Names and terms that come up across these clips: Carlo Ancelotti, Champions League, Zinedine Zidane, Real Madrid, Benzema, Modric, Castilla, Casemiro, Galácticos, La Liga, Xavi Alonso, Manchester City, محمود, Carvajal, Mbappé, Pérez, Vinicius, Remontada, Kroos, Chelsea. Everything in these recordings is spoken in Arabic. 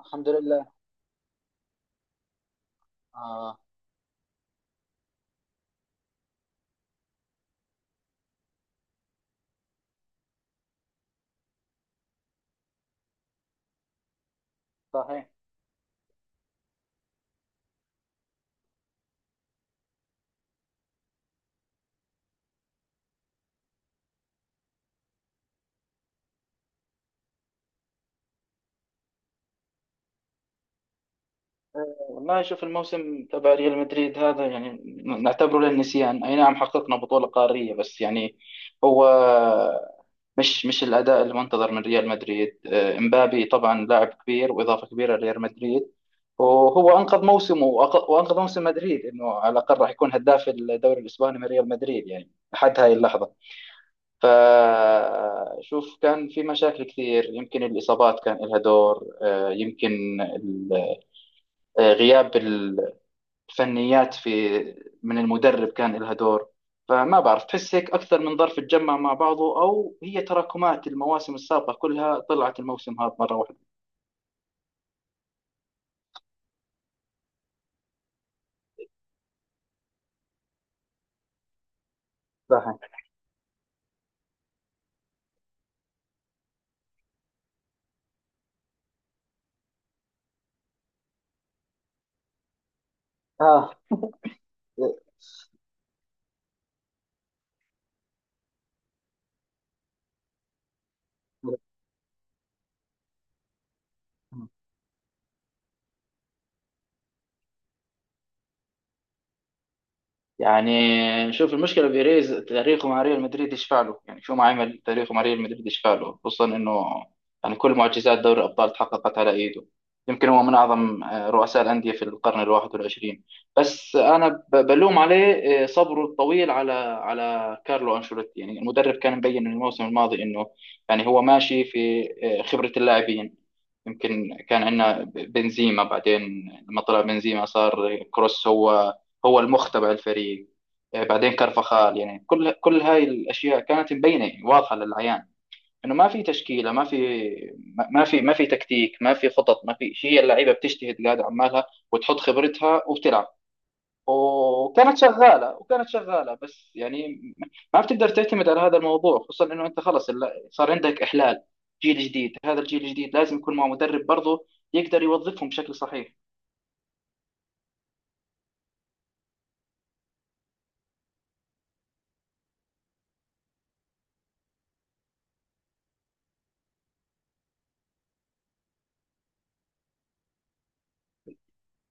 الحمد لله. آه. صحيح. والله شوف الموسم تبع ريال مدريد هذا يعني نعتبره للنسيان. اي نعم، حققنا بطولة قارية بس يعني هو مش الاداء المنتظر من ريال مدريد. امبابي طبعا لاعب كبير واضافة كبيرة لريال مدريد، وهو انقذ موسمه وانقذ موسم مدريد، انه على الاقل راح يكون هداف الدوري الاسباني من ريال مدريد يعني لحد هاي اللحظة. فشوف، كان في مشاكل كثير، يمكن الإصابات كان لها دور، يمكن غياب الفنيات في من المدرب كان لها دور. فما بعرف، تحس هيك أكثر من ظرف تجمع مع بعضه، أو هي تراكمات المواسم السابقة كلها طلعت الموسم هذا مرة واحدة. صحيح. آه، يعني شوف المشكله، بيريز تاريخه مع ريال مدريد يشفع له، يعني شو ما عمل تاريخه مع ريال مدريد يشفع له، خصوصا انه يعني كل معجزات دوري الابطال تحققت على ايده. يمكن هو من اعظم رؤساء الانديه في القرن الواحد والعشرين. بس انا بلوم عليه صبره الطويل على على كارلو انشيلوتي. يعني المدرب كان مبين من الموسم الماضي انه يعني هو ماشي في خبره اللاعبين. يمكن كان عندنا بنزيما، بعدين لما طلع بنزيما صار كروس هو المخ تبع الفريق. بعدين كرفخال، يعني كل هاي الاشياء كانت مبينه يعني واضحه للعيان، انه ما في تشكيله، ما في تكتيك، ما في خطط، ما في شيء. هي اللعيبه بتجتهد قاعده عمالها وتحط خبرتها وبتلعب، وكانت شغاله بس يعني ما بتقدر تعتمد على هذا الموضوع، خصوصا انه انت خلص صار عندك احلال، جيل جديد. هذا الجيل الجديد لازم يكون مع مدرب برضه يقدر يوظفهم بشكل صحيح.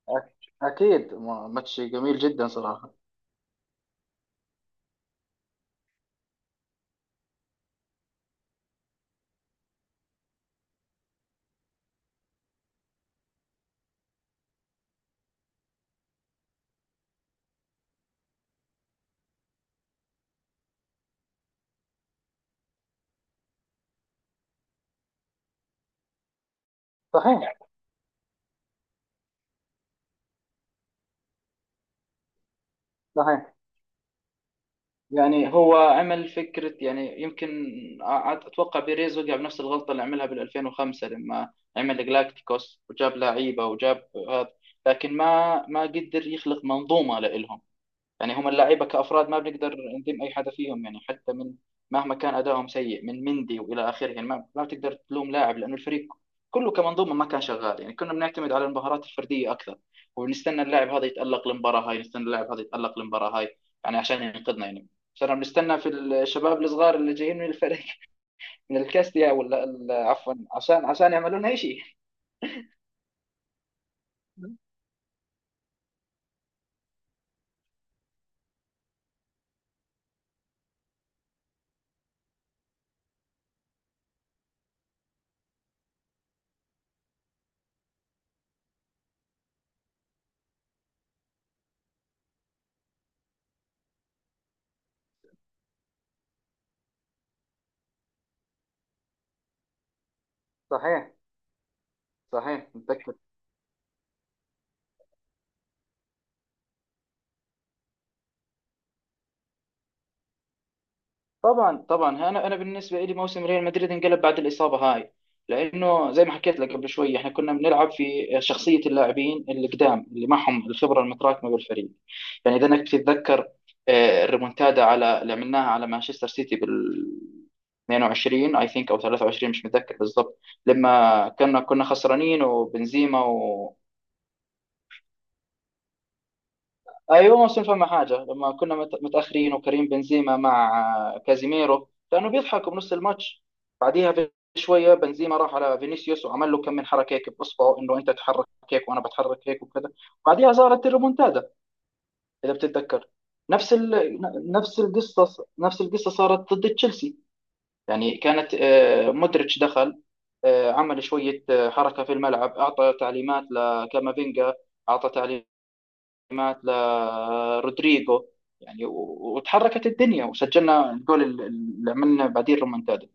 أكيد، ماتش جميل جدا صراحة. صحيح، صحيح. يعني هو عمل فكرة، يعني يمكن أ- أتوقع بيريز وقع بنفس الغلطة اللي عملها بال 2005 لما عمل جلاكتيكوس وجاب لعيبة وجاب هذا، لكن ما قدر يخلق منظومة لإلهم. يعني هم اللعيبه كافراد ما بنقدر نذم اي حدا فيهم، يعني حتى من مهما كان ادائهم سيء، من مندي والى اخره، يعني ما بتقدر تلوم لاعب لانه الفريق كله كمنظومه ما كان شغال. يعني كنا بنعتمد على المهارات الفرديه اكثر، وبنستنى اللاعب هذا يتالق المباراه هاي، نستنى اللاعب هذا يتالق المباراه هاي يعني عشان ينقذنا يعني. صرنا بنستنى في الشباب الصغار اللي جايين من الفريق من الكاستيا ولا عفوا، عشان يعملوا لنا شيء. صحيح. صحيح، متذكر. طبعا طبعا، انا بالنسبه لي موسم ريال مدريد انقلب بعد الاصابه هاي، لانه زي ما حكيت لك قبل شوي احنا كنا بنلعب في شخصيه اللاعبين القدام اللي معهم الخبره المتراكمه بالفريق. يعني اذا انك تتذكر الريمونتادا على اللي عملناها على مانشستر سيتي بال 22 اي ثينك او 23، مش متذكر بالضبط، لما كنا خسرانين وبنزيما. ايوه ما صنفع مع حاجه، لما كنا متاخرين، وكريم بنزيما مع كازيميرو كانوا بيضحكوا بنص الماتش. بعديها بشويه بنزيما راح على فينيسيوس وعمل له كم من حركه هيك باصبعه، انه انت تحرك هيك وانا بتحرك هيك وكذا. بعديها صارت الريمونتادا اذا بتتذكر. نفس ال... نفس القصه، نفس القصه صارت ضد تشيلسي. يعني كانت مودريتش دخل، عمل شويه حركه في الملعب، اعطى تعليمات لكامافينجا، اعطى تعليمات مات لرودريجو، يعني وتحركت الدنيا وسجلنا الجول اللي عملنا، بعدين رومنتادا.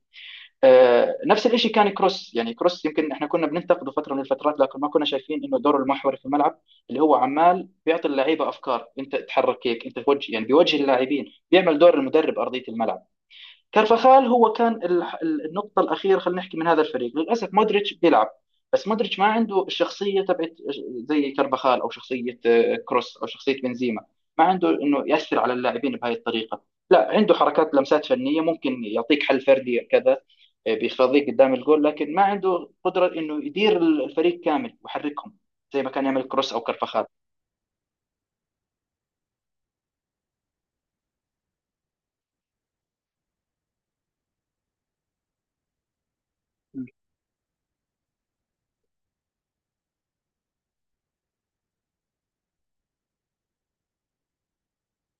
نفس الشيء كان كروس، يعني كروس يمكن احنا كنا بننتقده فتره من الفترات، لكن ما كنا شايفين انه دوره المحوري في الملعب، اللي هو عمال بيعطي اللعيبه افكار، انت تحرك هيك، انت توجه، يعني بيوجه اللاعبين، بيعمل دور المدرب ارضيه الملعب. كارفاخال هو كان النقطة الأخيرة خلينا نحكي من هذا الفريق. للأسف مودريتش بيلعب بس مودريتش ما عنده الشخصية تبعت زي كارفاخال، أو شخصية كروس، أو شخصية بنزيما. ما عنده إنه يأثر على اللاعبين بهاي الطريقة، لا عنده حركات لمسات فنية ممكن يعطيك حل فردي كذا، بيخفضيك قدام الجول، لكن ما عنده قدرة إنه يدير الفريق كامل ويحركهم زي ما كان يعمل كروس أو كارفاخال.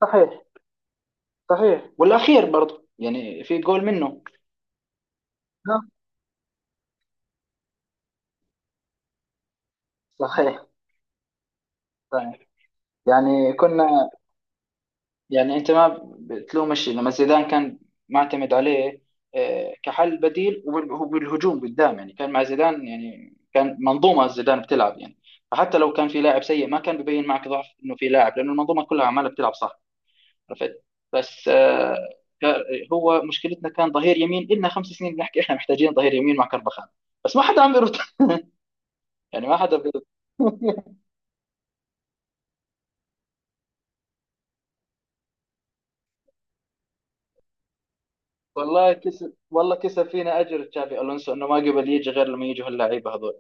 صحيح. صحيح، والأخير برضه يعني في جول منه. نعم. صحيح. صحيح، يعني كنا يعني انت ما بتلومش لما زيدان كان معتمد عليه كحل بديل وبالهجوم قدام. يعني كان مع زيدان يعني كان منظومه زيدان بتلعب، يعني فحتى لو كان في لاعب سيء ما كان ببين معك ضعف انه في لاعب، لانه المنظومه كلها عماله بتلعب صح. عرفت؟ بس كا- هو مشكلتنا كان ظهير يمين، إلنا خمس سنين بنحكي احنا محتاجين ظهير يمين مع كربخان، بس ما حدا عم بيرد يعني ما حدا بيرد. والله كسب، والله كسب فينا اجر تشافي الونسو انه ما قبل يجي غير لما يجوا هاللعيبه هذول.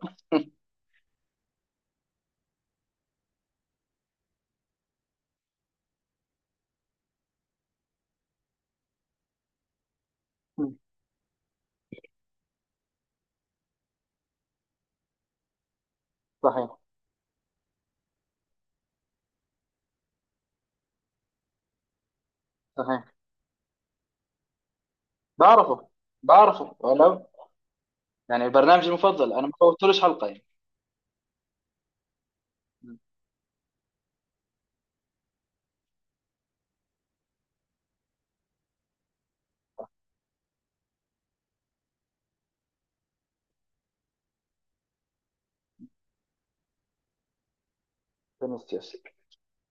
صحيح. صحيح، بعرفه، بعرفه. ولا يعني برنامجي المفضل، انا ما فوتلوش حلقه يعني. مم. فيلم السياسي.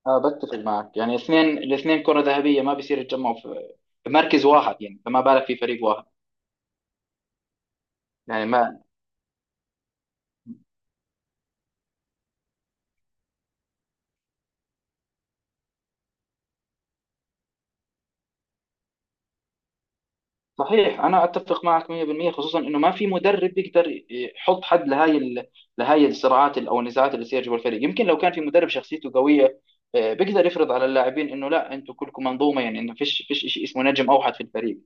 آه، بتفق معك. يعني الاثنين، الاثنين كره ذهبيه ما بيصير يتجمعوا في في مركز واحد يعني، فما بالك في فريق واحد. يعني ما صحيح، انا اتفق معك 100% خصوصا انه ما في مدرب يقدر يحط حد لهاي الصراعات او النزاعات اللي تصير جوا الفريق. يمكن لو كان في مدرب شخصيته قويه، بيقدر يفرض على اللاعبين انه لا، انتم كلكم منظومه، يعني انه فيش شيء اسمه نجم اوحد في الفريق.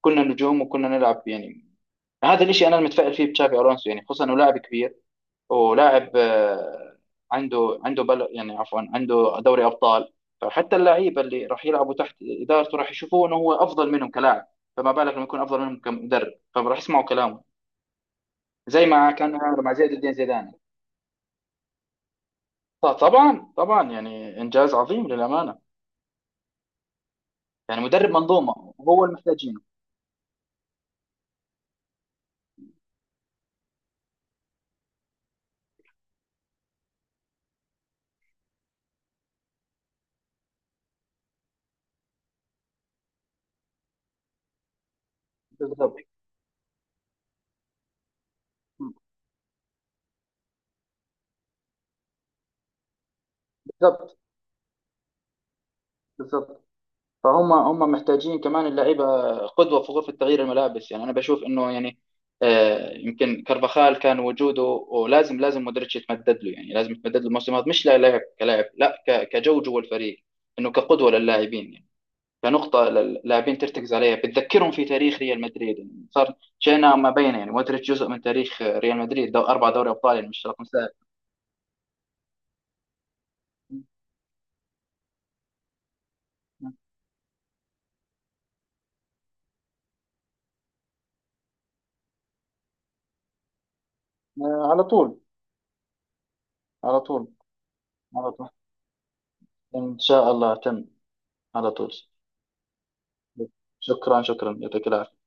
كنا نجوم وكنا نلعب يعني. هذا الشيء انا المتفائل فيه بتشافي الونسو، يعني خصوصا انه لاعب كبير ولاعب عنده عنده بل يعني عفوا، عنده دوري ابطال. فحتى اللعيبه اللي راح يلعبوا تحت ادارته راح يشوفوه انه هو افضل منهم كلاعب، فما بالك لما يكون افضل منهم كمدرب، فراح يسمعوا كلامه زي ما كان عمله مع زين الدين زيدان. طبعا طبعا، يعني انجاز عظيم للامانه. يعني مدرب منظومه وهو اللي محتاجينه. بالضبط. بالضبط. بالضبط، فهم هم محتاجين كمان اللعيبه قدوه في غرفه تغيير الملابس. يعني انا بشوف انه يعني يمكن كارفاخال كان وجوده، ولازم لازم مودريتش يتمدد له، يعني لازم يتمدد له الموسم هذا مش لاعب كلاعب، لا كجو جوا الفريق، انه كقدوه للاعبين يعني، كنقطه للاعبين ترتكز عليها، بتذكرهم في تاريخ ريال مدريد. يعني صار شئنا ما بينا يعني مودريتش جزء من تاريخ ريال مدريد، دو اربع دوري ابطال يعني مش رقم سهل. على طول. على طول. على طول. ان شاء الله تم. على طول. شكرا شكرا، يعطيك العافية.